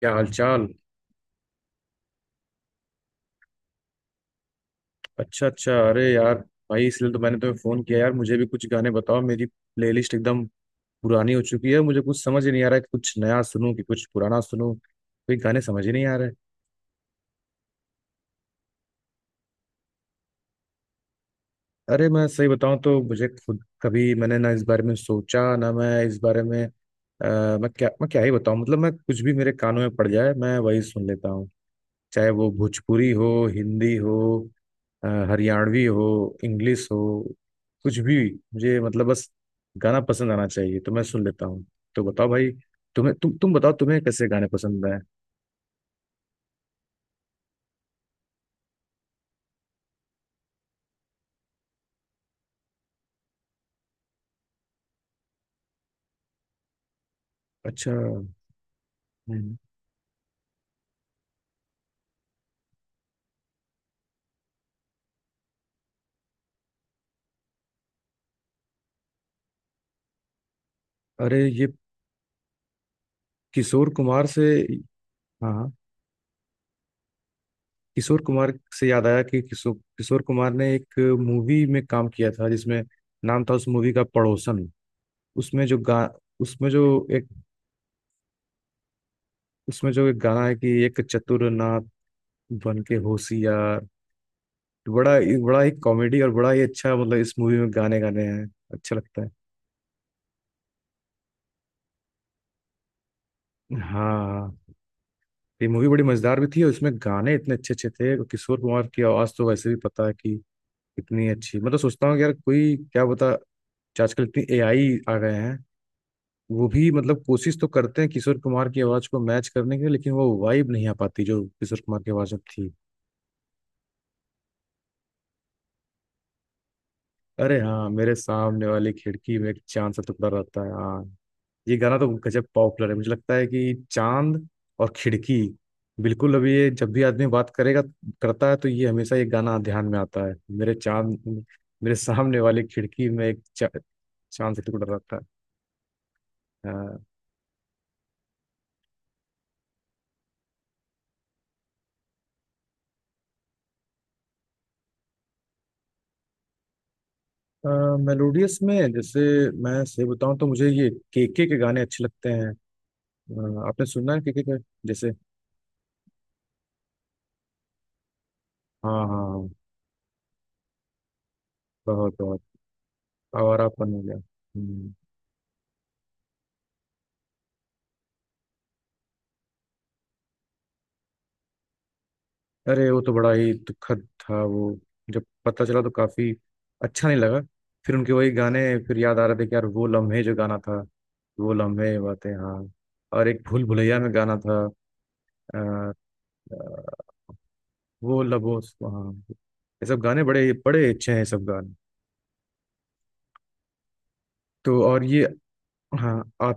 क्या हाल चाल। अच्छा अच्छा। अरे यार, भाई इसलिए तो मैंने तुम्हें फोन किया यार। मुझे भी कुछ गाने बताओ। मेरी प्लेलिस्ट एकदम पुरानी हो चुकी है। मुझे कुछ समझ ही नहीं आ रहा है कि कुछ नया सुनूं कि कुछ पुराना सुनूं। कोई गाने समझ ही नहीं आ रहे। अरे मैं सही बताऊं तो मुझे खुद, कभी मैंने ना इस बारे में सोचा ना मैं इस बारे में, मैं क्या ही बताऊं। मतलब मैं कुछ भी मेरे कानों में पड़ जाए मैं वही सुन लेता हूँ। चाहे वो भोजपुरी हो, हिंदी हो, हरियाणवी हो, इंग्लिश हो, कुछ भी। मुझे मतलब बस गाना पसंद आना चाहिए तो मैं सुन लेता हूँ। तो बताओ भाई, तुम्हें तुम बताओ, तुम्हें कैसे गाने पसंद आए? अच्छा। हम्म। अरे ये किशोर कुमार से। हाँ हाँ, किशोर कुमार से याद आया कि किशोर किशोर कुमार ने एक मूवी में काम किया था, जिसमें नाम था उस मूवी का पड़ोसन। उसमें जो गा उसमें जो एक उसमें जो एक गाना है कि एक चतुर नाथ बन के होशियार। बड़ा बड़ा ही कॉमेडी और बड़ा ही अच्छा, मतलब इस मूवी में गाने गाने हैं, अच्छा लगता है। हाँ, ये मूवी बड़ी मजेदार भी थी और इसमें गाने इतने अच्छे अच्छे थे, और किशोर कुमार की आवाज तो वैसे भी पता है कि इतनी अच्छी। मतलब सोचता हूँ कि यार कोई क्या बता आजकल इतनी एआई आ गए हैं। वो भी मतलब कोशिश तो करते हैं किशोर कुमार की आवाज को मैच करने की, लेकिन वो वाइब नहीं आ पाती जो किशोर कुमार की आवाज में थी। अरे हाँ, मेरे सामने वाली खिड़की में एक चांद सा टुकड़ा रहता है, हाँ। ये गाना तो गजब पॉपुलर है। मुझे लगता है कि चांद और खिड़की, बिल्कुल, अभी ये जब भी आदमी बात करेगा, करता है, तो ये हमेशा ये गाना ध्यान में आता है, मेरे चांद, मेरे सामने वाली खिड़की में एक चांद सा टुकड़ा रहता है। हाँ, मेलोडियस में जैसे, मैं सही बताऊं तो मुझे ये केके के गाने अच्छे लगते हैं। आपने सुना है केके के जैसे? हाँ हाँ हाँ। बहुत बहुत आवारापन हो गया। हम्म। अरे वो तो बड़ा ही दुखद था वो, जब पता चला तो काफी अच्छा नहीं लगा। फिर उनके वही गाने फिर याद आ रहे थे कि यार, वो लम्हे जो गाना था, वो लम्हे बातें, हाँ। और एक भूल भुलैया में गाना था, अ, अ, वो लबो हाँ, ये सब गाने बड़े बड़े अच्छे हैं, ये सब गाने। तो और ये, हाँ, आपका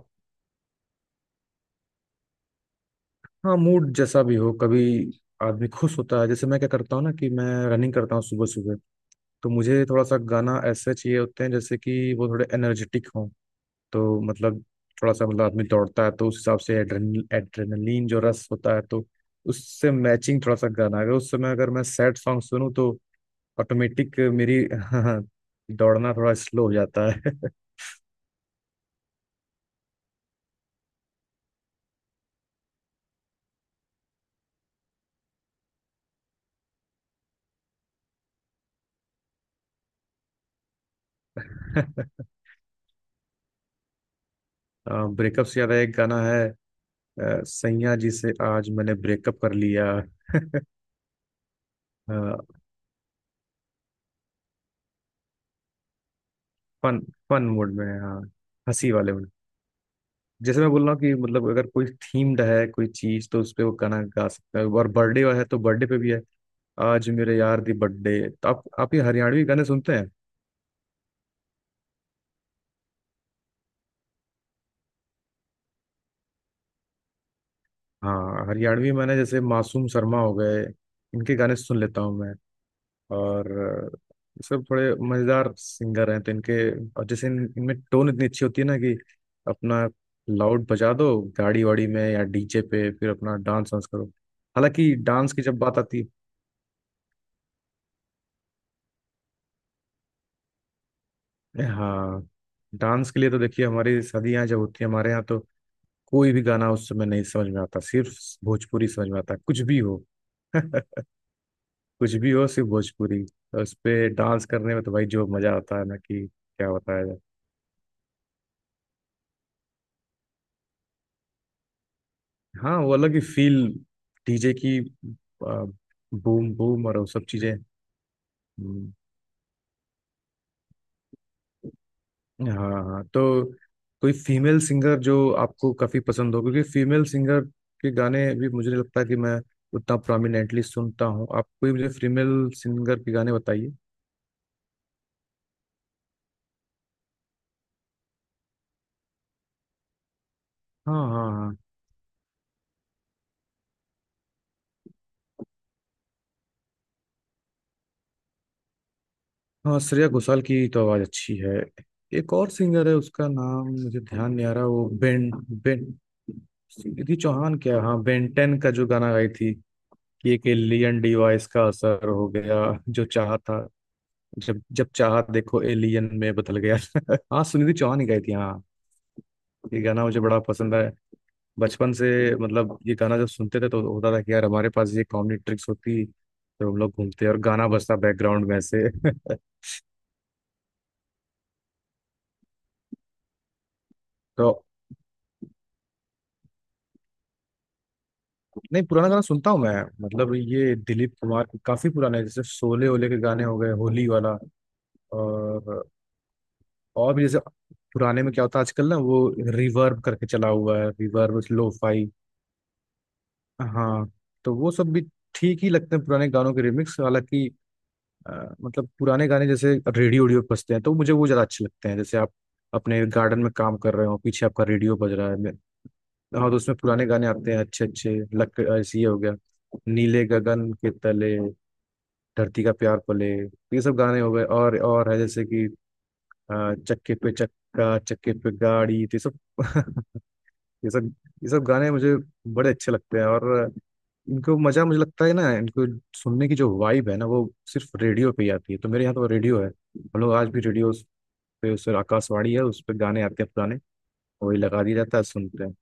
मूड जैसा भी हो, कभी आदमी खुश होता है, जैसे मैं क्या करता हूँ ना कि मैं रनिंग करता हूँ सुबह सुबह, तो मुझे थोड़ा सा गाना ऐसे चाहिए होते हैं जैसे कि वो थोड़े एनर्जेटिक हों। तो मतलब, थोड़ा सा मतलब आदमी दौड़ता है तो उस हिसाब से एड्रेनलिन जो रस होता है, तो उससे मैचिंग थोड़ा सा गाना। अगर उस समय अगर मैं सैड सॉन्ग सुनूं तो ऑटोमेटिक मेरी दौड़ना थोड़ा स्लो हो जाता है। ब्रेकअप से ज्यादा एक गाना है, सैया जी से आज मैंने ब्रेकअप कर लिया। फन, फन मूड में, हाँ, हंसी वाले मूड। जैसे मैं बोल रहा हूँ कि मतलब अगर कोई थीम्ड है कोई चीज तो उस पे वो गाना गा सकता है, और बर्थडे है तो बर्थडे पे भी है, आज मेरे यार दी बर्थडे। तो आप ये हरियाणवी गाने सुनते हैं? हाँ, हरियाणवी मैंने जैसे मासूम शर्मा हो गए, इनके गाने सुन लेता हूँ मैं। और ये सब थोड़े मजेदार सिंगर हैं तो इनके, और जैसे इनमें टोन इतनी अच्छी होती है ना कि अपना लाउड बजा दो गाड़ी वाड़ी में या डीजे पे, फिर अपना डांस वांस करो। हालांकि डांस की जब बात आती है, हाँ, डांस के लिए तो देखिए, हमारी शादियाँ जब होती है हमारे यहाँ, तो कोई भी गाना उस समय नहीं समझ में आता, सिर्फ भोजपुरी समझ में आता, कुछ भी हो। कुछ भी हो, सिर्फ भोजपुरी। और उस पे डांस करने में तो भाई जो मजा आता है ना, कि क्या बताया जाए। हाँ, वो अलग ही फील, डीजे की आ, बूम बूम और वो सब चीजें। हम्म। हाँ हाँ, तो कोई फीमेल सिंगर जो आपको काफी पसंद हो? क्योंकि फीमेल सिंगर के गाने भी मुझे नहीं लगता कि मैं उतना प्रोमिनेंटली सुनता हूँ। आप कोई मुझे फीमेल सिंगर के गाने बताइए। हाँ हाँ हाँ। हाँ, श्रेया घोषाल की तो आवाज अच्छी है। एक और सिंगर है, उसका नाम मुझे ध्यान नहीं आ रहा, वो बेन, बेन रिद्धि चौहान क्या, हाँ, Ben 10 का जो गाना गाई थी कि एक एलियन डिवाइस का असर हो गया, जो चाहा था, जब जब चाहा देखो एलियन में बदल गया। हाँ, सुनिधि चौहान ही गाई थी, हाँ। ये गाना मुझे बड़ा पसंद है बचपन से। मतलब ये गाना जब सुनते थे तो होता था कि यार, हमारे पास ये कॉमेडी ट्रिक्स होती, तो हम लोग घूमते और गाना बजता बैकग्राउंड में से। तो नहीं, पुराना गाना सुनता हूँ मैं। मतलब ये दिलीप कुमार के काफी पुराने हैं, जैसे शोले ओले के गाने हो गए, होली वाला, और और भी जैसे पुराने में क्या होता है आजकल ना वो रिवर्ब करके चला हुआ है, रिवर्ब लो फाई। हाँ, तो वो सब भी ठीक ही लगते हैं, पुराने गानों के रिमिक्स। हालांकि मतलब पुराने गाने जैसे रेडियो ओडियो पे बजते हैं तो मुझे वो ज्यादा अच्छे लगते हैं, जैसे आप अपने गार्डन में काम कर रहे हो, पीछे आपका रेडियो बज रहा है, मैं-। हाँ, तो उसमें पुराने गाने आते हैं, अच्छे अच्छे लक ऐसे, ये हो गया नीले गगन के तले, धरती का प्यार पले, ये सब गाने हो गए। और है जैसे कि चक्के पे चक्का, चक्के पे गाड़ी, तो ये सब ये सब, ये सब गाने मुझे बड़े अच्छे लगते हैं। और इनको मजा, मुझे लगता है ना, इनको सुनने की जो वाइब है ना वो सिर्फ रेडियो पे ही आती है। तो मेरे यहाँ तो रेडियो है, हम लोग आज भी रेडियो पे, उस आकाशवाणी है, उस पर गाने आते हैं पुराने, वही लगा दिया जाता है, सुनते हैं।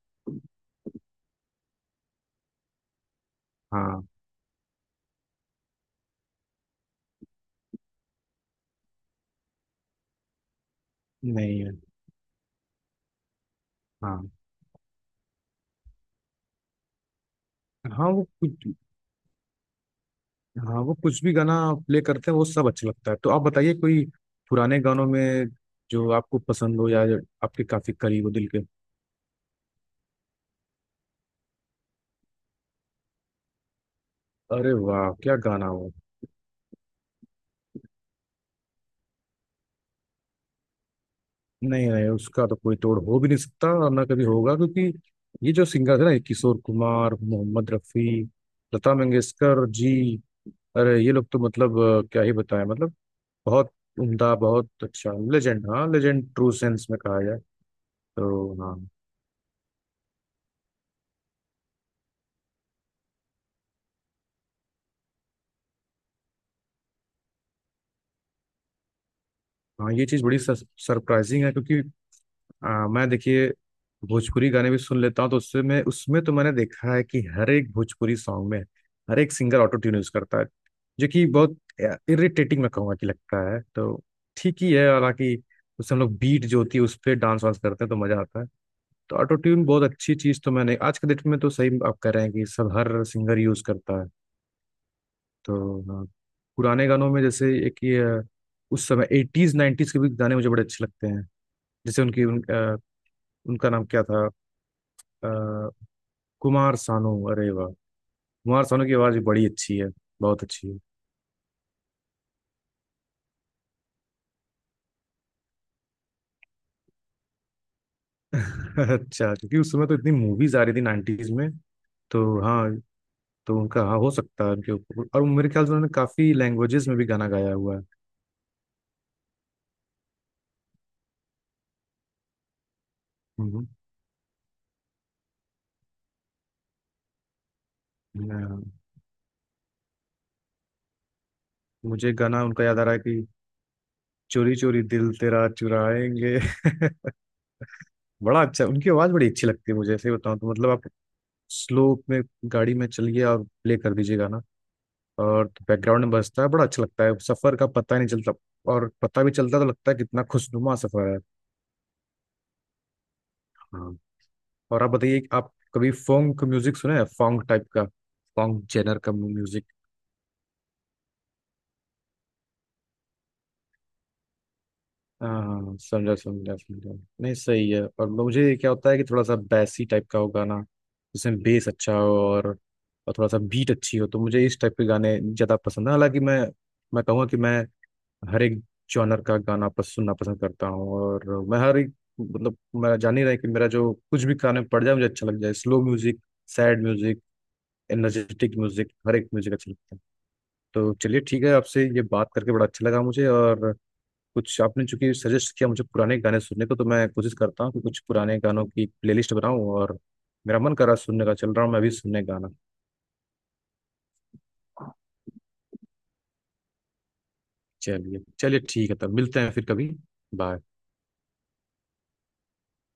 हाँ। नहीं है। हाँ, हाँ वो कुछ, हाँ वो कुछ भी गाना प्ले करते हैं वो सब अच्छा लगता है। तो आप बताइए, कोई पुराने गानों में जो आपको पसंद हो, या जो आपके काफी करीब हो दिल के? अरे वाह, क्या गाना हो। नहीं नहीं, उसका तो कोई तोड़ हो भी नहीं सकता और ना कभी होगा, क्योंकि ये जो सिंगर है ना, ये किशोर कुमार, मोहम्मद रफी, लता मंगेशकर जी, अरे ये लोग तो मतलब क्या ही बताएं, मतलब बहुत उम्दा, बहुत अच्छा, लेजेंड, हाँ लेजेंड ट्रू सेंस में कहा जाए तो। हाँ। हाँ, ये चीज़ बड़ी सरप्राइजिंग है क्योंकि मैं देखिए भोजपुरी गाने भी सुन लेता हूँ, तो उससे मैं, उसमें तो मैंने देखा है कि हर एक भोजपुरी सॉन्ग में हर एक सिंगर ऑटो ट्यून यूज करता है, जो कि बहुत इरिटेटिंग मैं कहूँगा कि लगता है, तो ठीक ही है। हालांकि उससे हम लोग बीट जो होती है उस पर डांस वांस करते हैं तो मजा आता है। तो ऑटो ट्यून बहुत अच्छी चीज़, तो मैंने, आज के डेट में तो सही आप कह रहे हैं कि सब हर सिंगर यूज करता है। तो हाँ, पुराने गानों में जैसे एक ये उस समय एटीज नाइन्टीज के भी गाने मुझे बड़े अच्छे लगते हैं, जैसे उनकी उनका नाम क्या था, अ, कुमार सानू, अरे वाह, कुमार सानू की आवाज भी बड़ी अच्छी है, बहुत अच्छी है। अच्छा, क्योंकि उस समय तो इतनी मूवीज आ रही थी नाइन्टीज में, तो हाँ, तो उनका, हाँ हो सकता है उनके ऊपर, और मेरे ख्याल से उन्होंने काफी लैंग्वेजेस में भी गाना गाया हुआ है। हम्म। हाँ, मुझे गाना उनका याद आ रहा है कि चोरी चोरी दिल तेरा चुराएंगे। बड़ा अच्छा, उनकी आवाज बड़ी अच्छी लगती है मुझे, ऐसे बताऊं तो मतलब आप स्लो में गाड़ी में चलिए और प्ले कर दीजिए गाना, और बैकग्राउंड में बजता है, बड़ा अच्छा लगता है, सफर का पता नहीं चलता। और पता भी चलता तो लगता है कितना खुशनुमा सफर है। हाँ, और आप बताइए कि आप कभी फोंग का म्यूजिक सुने हैं? फोंग टाइप का, फोंग जेनर का म्यूजिक। हाँ, समझा समझा समझा। नहीं, सही है। और मुझे क्या होता है कि थोड़ा सा बैसी टाइप का हो गाना, जिसमें बेस अच्छा हो और थोड़ा सा बीट अच्छी हो, तो मुझे इस टाइप के गाने ज़्यादा पसंद है। हालांकि मैं कहूँगा कि मैं हर एक जॉनर का गाना सुनना पसंद करता हूँ। और मैं हर एक मतलब, मैं जान ही रहा है कि मेरा जो कुछ भी कान में पड़ जाए मुझे अच्छा लग जाए, slow music, sad music, energetic music, हर एक म्यूजिक अच्छा लगता है। तो चलिए, ठीक है, आपसे ये बात करके बड़ा अच्छा लगा मुझे। और कुछ आपने चूंकि सजेस्ट किया मुझे पुराने गाने सुनने को, तो मैं कोशिश करता हूँ कि कुछ पुराने गानों की प्लेलिस्ट बनाऊं। और मेरा मन कर रहा है सुनने का, चल रहा हूँ मैं भी सुनने गाना। चलिए चलिए ठीक है, तब मिलते हैं फिर कभी। बाय।